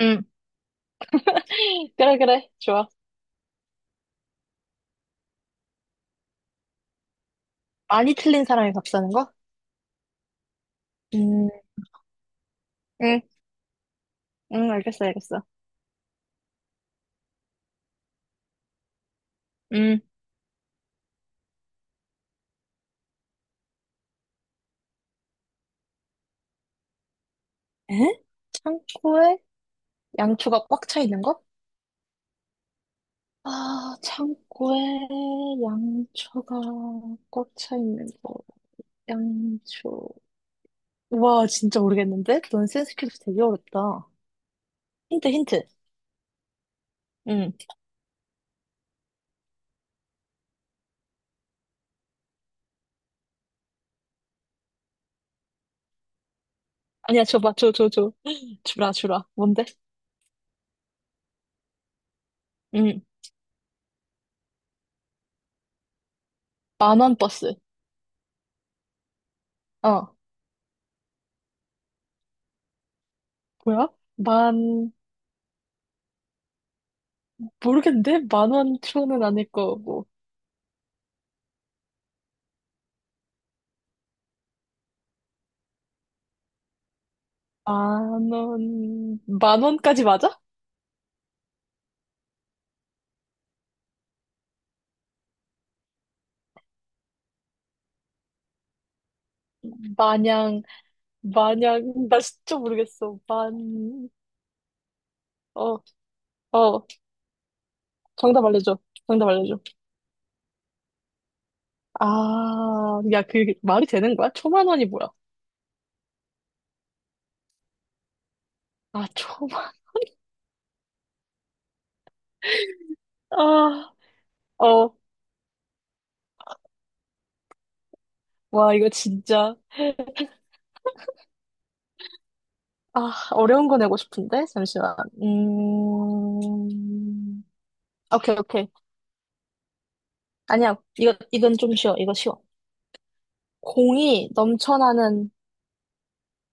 응. 그래, 그래. 좋아. 많이 틀린 사람이 밥 사는 거? 음, 응, 응, 알겠어, 알겠어. 음. 에? 창고에 양초가 꽉 차 있는 거? 아, 창고에 양초가 꽉 차 있는 거. 양초. 와, 진짜 모르겠는데? 넌 센스 퀴즈 되게 어렵다. 힌트, 힌트. 응. 아니야, 줘봐, 줘, 줘, 줘. 주라, 주라. 뭔데? 응. 만원 버스. 어. 뭐야? 만, 모르겠는데? 만 원, 천 원은 아닐 거고. 만 원, 만 원까지 맞아? 마냥, 마냥, 나 진짜 모르겠어. 어, 어, 정답 알려줘. 정답 알려줘. 아, 야, 그 말이 되는 거야? 초만 원이 뭐야? 아, 아, 어, 와, 이거 진짜, 아, 어려운 거 내고 싶은데? 잠시만. 음, 오케이, 오케이. 아니야, 이건 좀 쉬워. 이거 쉬워. 공이 넘쳐나는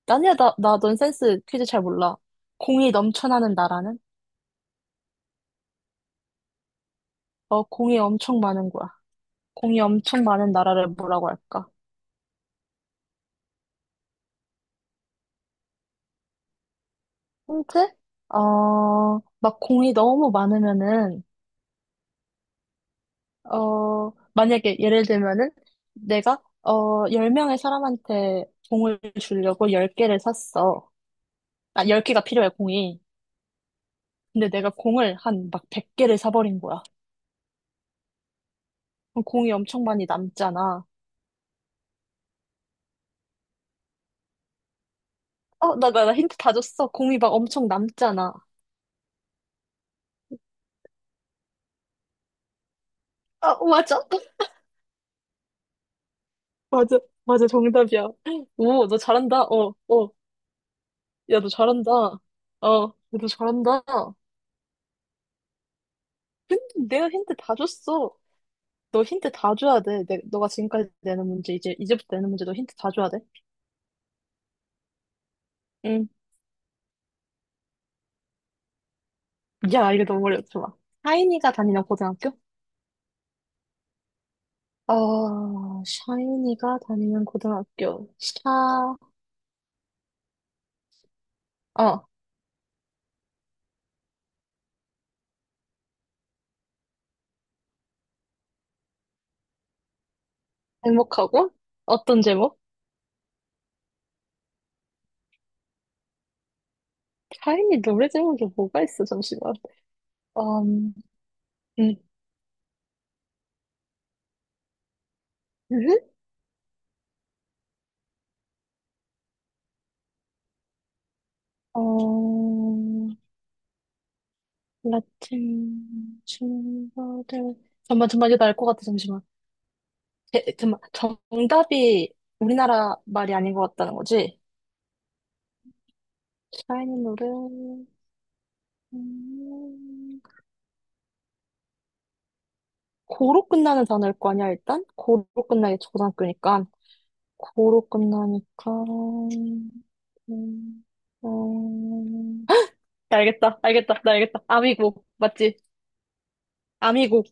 아니야, 나 넌센스 퀴즈 잘 몰라. 공이 넘쳐나는 나라는? 어, 공이 엄청 많은 거야. 공이 엄청 많은 나라를 뭐라고 할까? 힌트? 어, 막 공이 너무 많으면은, 어, 만약에 예를 들면은, 내가, 어, 10명의 사람한테 공을 주려고 10개를 샀어. 아, 10개가 필요해, 공이. 근데 내가 공을 한 막 100개를 사버린 거야. 그럼 공이 엄청 많이 남잖아. 어, 나 힌트 다 줬어. 공이 막 엄청 남잖아. 아, 맞아? 맞아, 맞아, 정답이야. 오, 너 잘한다. 어, 어. 야, 너 잘한다. 어, 야, 너 잘한다. 근데 내가 힌트 다 줬어. 너 힌트 다 줘야 돼. 너가 지금까지 내는 문제, 이제부터 내는 문제 너 힌트 다 줘야 돼. 응. 야, 이거 너무 어려워. 좋아. 샤이니가 다니는 고등학교? 어, 샤이니가 다니는 고등학교. 어, 제목하고? 어떤 제목? 샤이니 노래 제목이 뭐가 있어, 잠시만. 음, 음. 음? 어, 라틴 친구들 잠만 잠만 이거 알것 같아 잠시만 에, 잠만 정답이 우리나라 말이 아닌 것 같다는 거지? 샤이니 노래 음, 고로 끝나는 단어일 거 아니야 일단 고로 끝나게 초등학교니까 고로 끝나니까 음, 헉! 나 알겠다 알겠다 나 알겠다 아미고 맞지? 아미고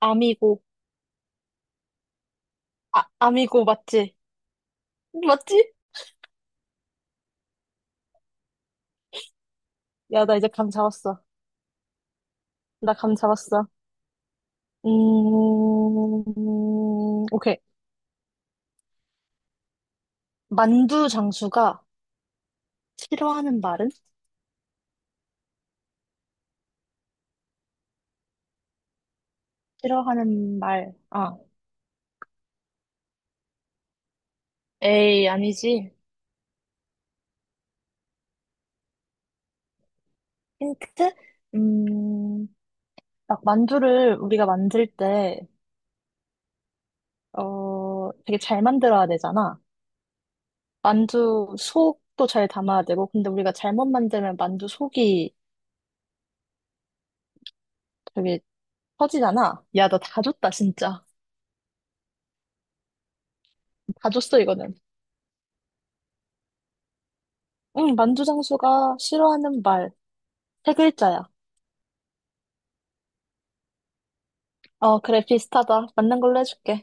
아미고 아 아미고 맞지? 맞지? 야 나 이제 감 잡았어 나 감 잡았어 음, 오케이. 만두 장수가 싫어하는 말은? 싫어하는 말. 아, 에이, 아니지. 힌트? 음, 막 만두를 우리가 만들 때, 어, 되게 잘 만들어야 되잖아. 만두 속도 잘 담아야 되고, 근데 우리가 잘못 만들면 만두 속이 되게 터지잖아. 야, 너 다 줬다, 진짜. 다 줬어, 이거는. 응, 만두 장수가 싫어하는 말. 세 글자야. 어, 그래, 비슷하다. 맞는 걸로 해줄게.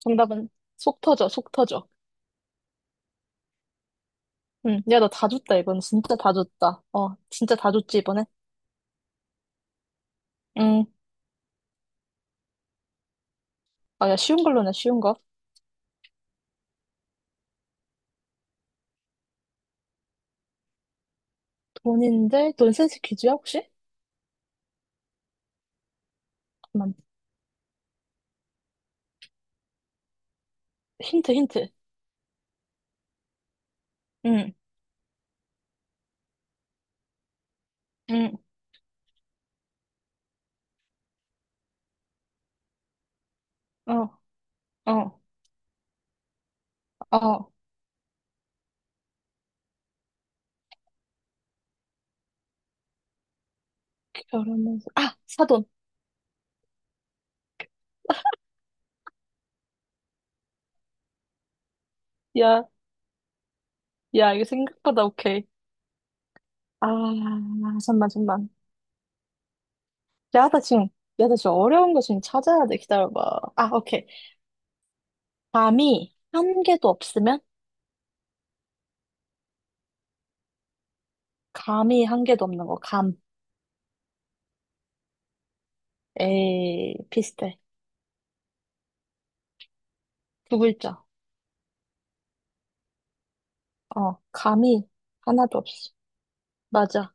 정답은 속 터져, 속 터져. 응, 야, 나 다 줬다, 이건. 진짜 다 줬다. 어, 진짜 다 줬지, 이번에? 응. 아, 야, 쉬운 걸로 내, 쉬운 거. 돈인데, 돈 센스 퀴즈야, 혹시? 잠깐만. 힌트, 힌트. 응, 응, 어, 어, 어. 결혼해서, 아! 사돈. 야, 야, 이거 생각보다 오케이. 아, 잠만, 잠만. 야, 나 지금, 야, 나 지금 어려운 거 지금 찾아야 돼. 기다려봐. 아, 오케이. 감이 한 개도 없으면? 감이 한 개도 없는 거. 감. 에이, 비슷해. 두 글자. 어, 감이 하나도 없어. 맞아.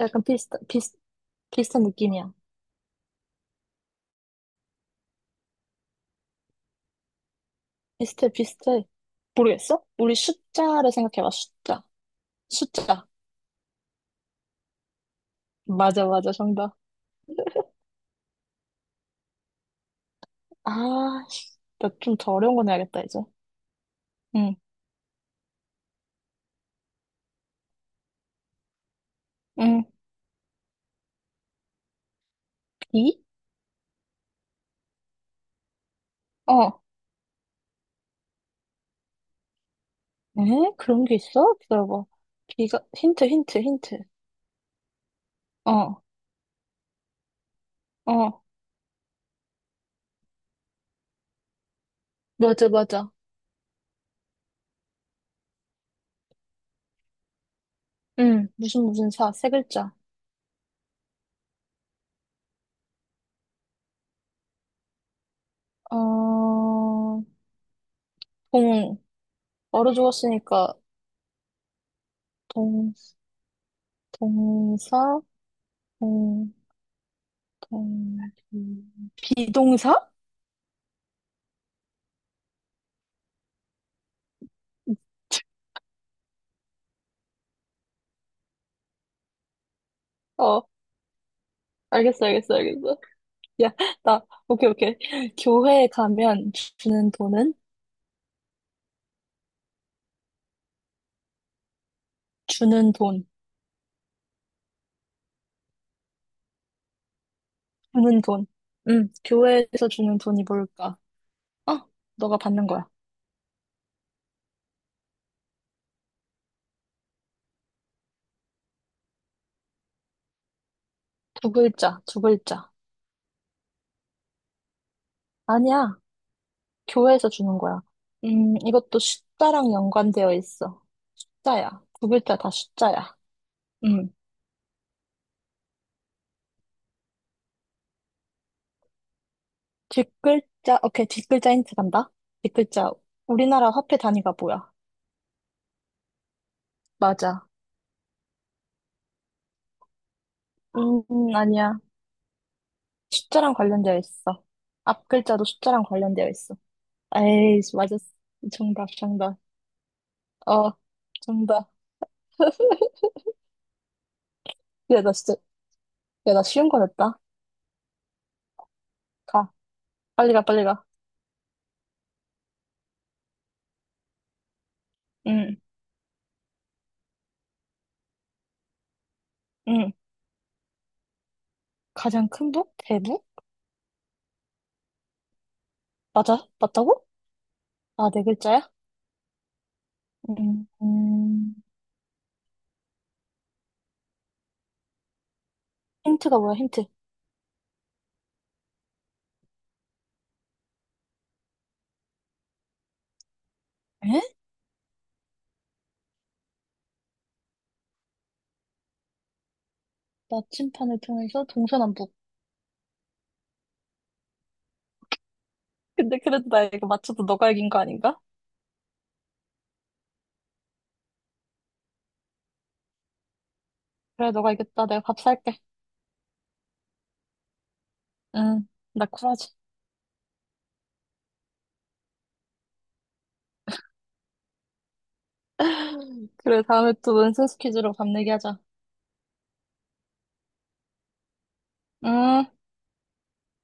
약간 비슷한 느낌이야. 비슷해, 비슷해. 모르겠어? 우리 숫자를 생각해봐, 숫자. 숫자. 맞아, 맞아, 정답. 아, 나 좀 더 어려운 거 내야겠다, 이제. 응, 응. 비? 어. 에? 그런 게 있어? 기다려봐. 비가, 힌트, 힌트, 힌트. 어, 어. 맞아, 맞아. 응, 무슨, 무슨 사, 세 글자. 어, 동, 얼어 죽었으니까, 동, 동사? 동, 동, 동- 비동사? 어, 알겠어, 알겠어, 알겠어. 야, 나, 오케이, 오케이. 교회에 가면 주는 돈은? 주는 돈, 주는 돈. 응, 교회에서 주는 돈이 뭘까? 어, 너가 받는 거야. 두 글자, 두 글자. 아니야, 교회에서 주는 거야. 이것도 숫자랑 연관되어 있어. 숫자야. 두 글자 다 숫자야. 음. 뒷글자, 오케이, 뒷글자 힌트 간다. 뒷글자. 우리나라 화폐 단위가 뭐야? 맞아. 아니야. 숫자랑 관련되어 있어. 앞 글자도 숫자랑 관련되어 있어. 에이, 맞았어. 정답, 정답. 어, 정답. 야, 나 진짜, 야, 나 쉬운 거 냈다. 가. 빨리 가, 빨리 가. 응, 응. 가장 큰 북? 대북? 맞아? 맞다고? 아, 네 글자야? 음, 음. 힌트가 뭐야, 힌트? 에? 나침판을 통해서 동서남북. 근데 그래도 나 이거 맞춰도 너가 이긴 거 아닌가? 그래, 너가 이겼다. 내가 밥 살게. 응, 나 쿨하지. 그래, 다음에 또 넌센스 퀴즈로 밥 내기 하자. 음.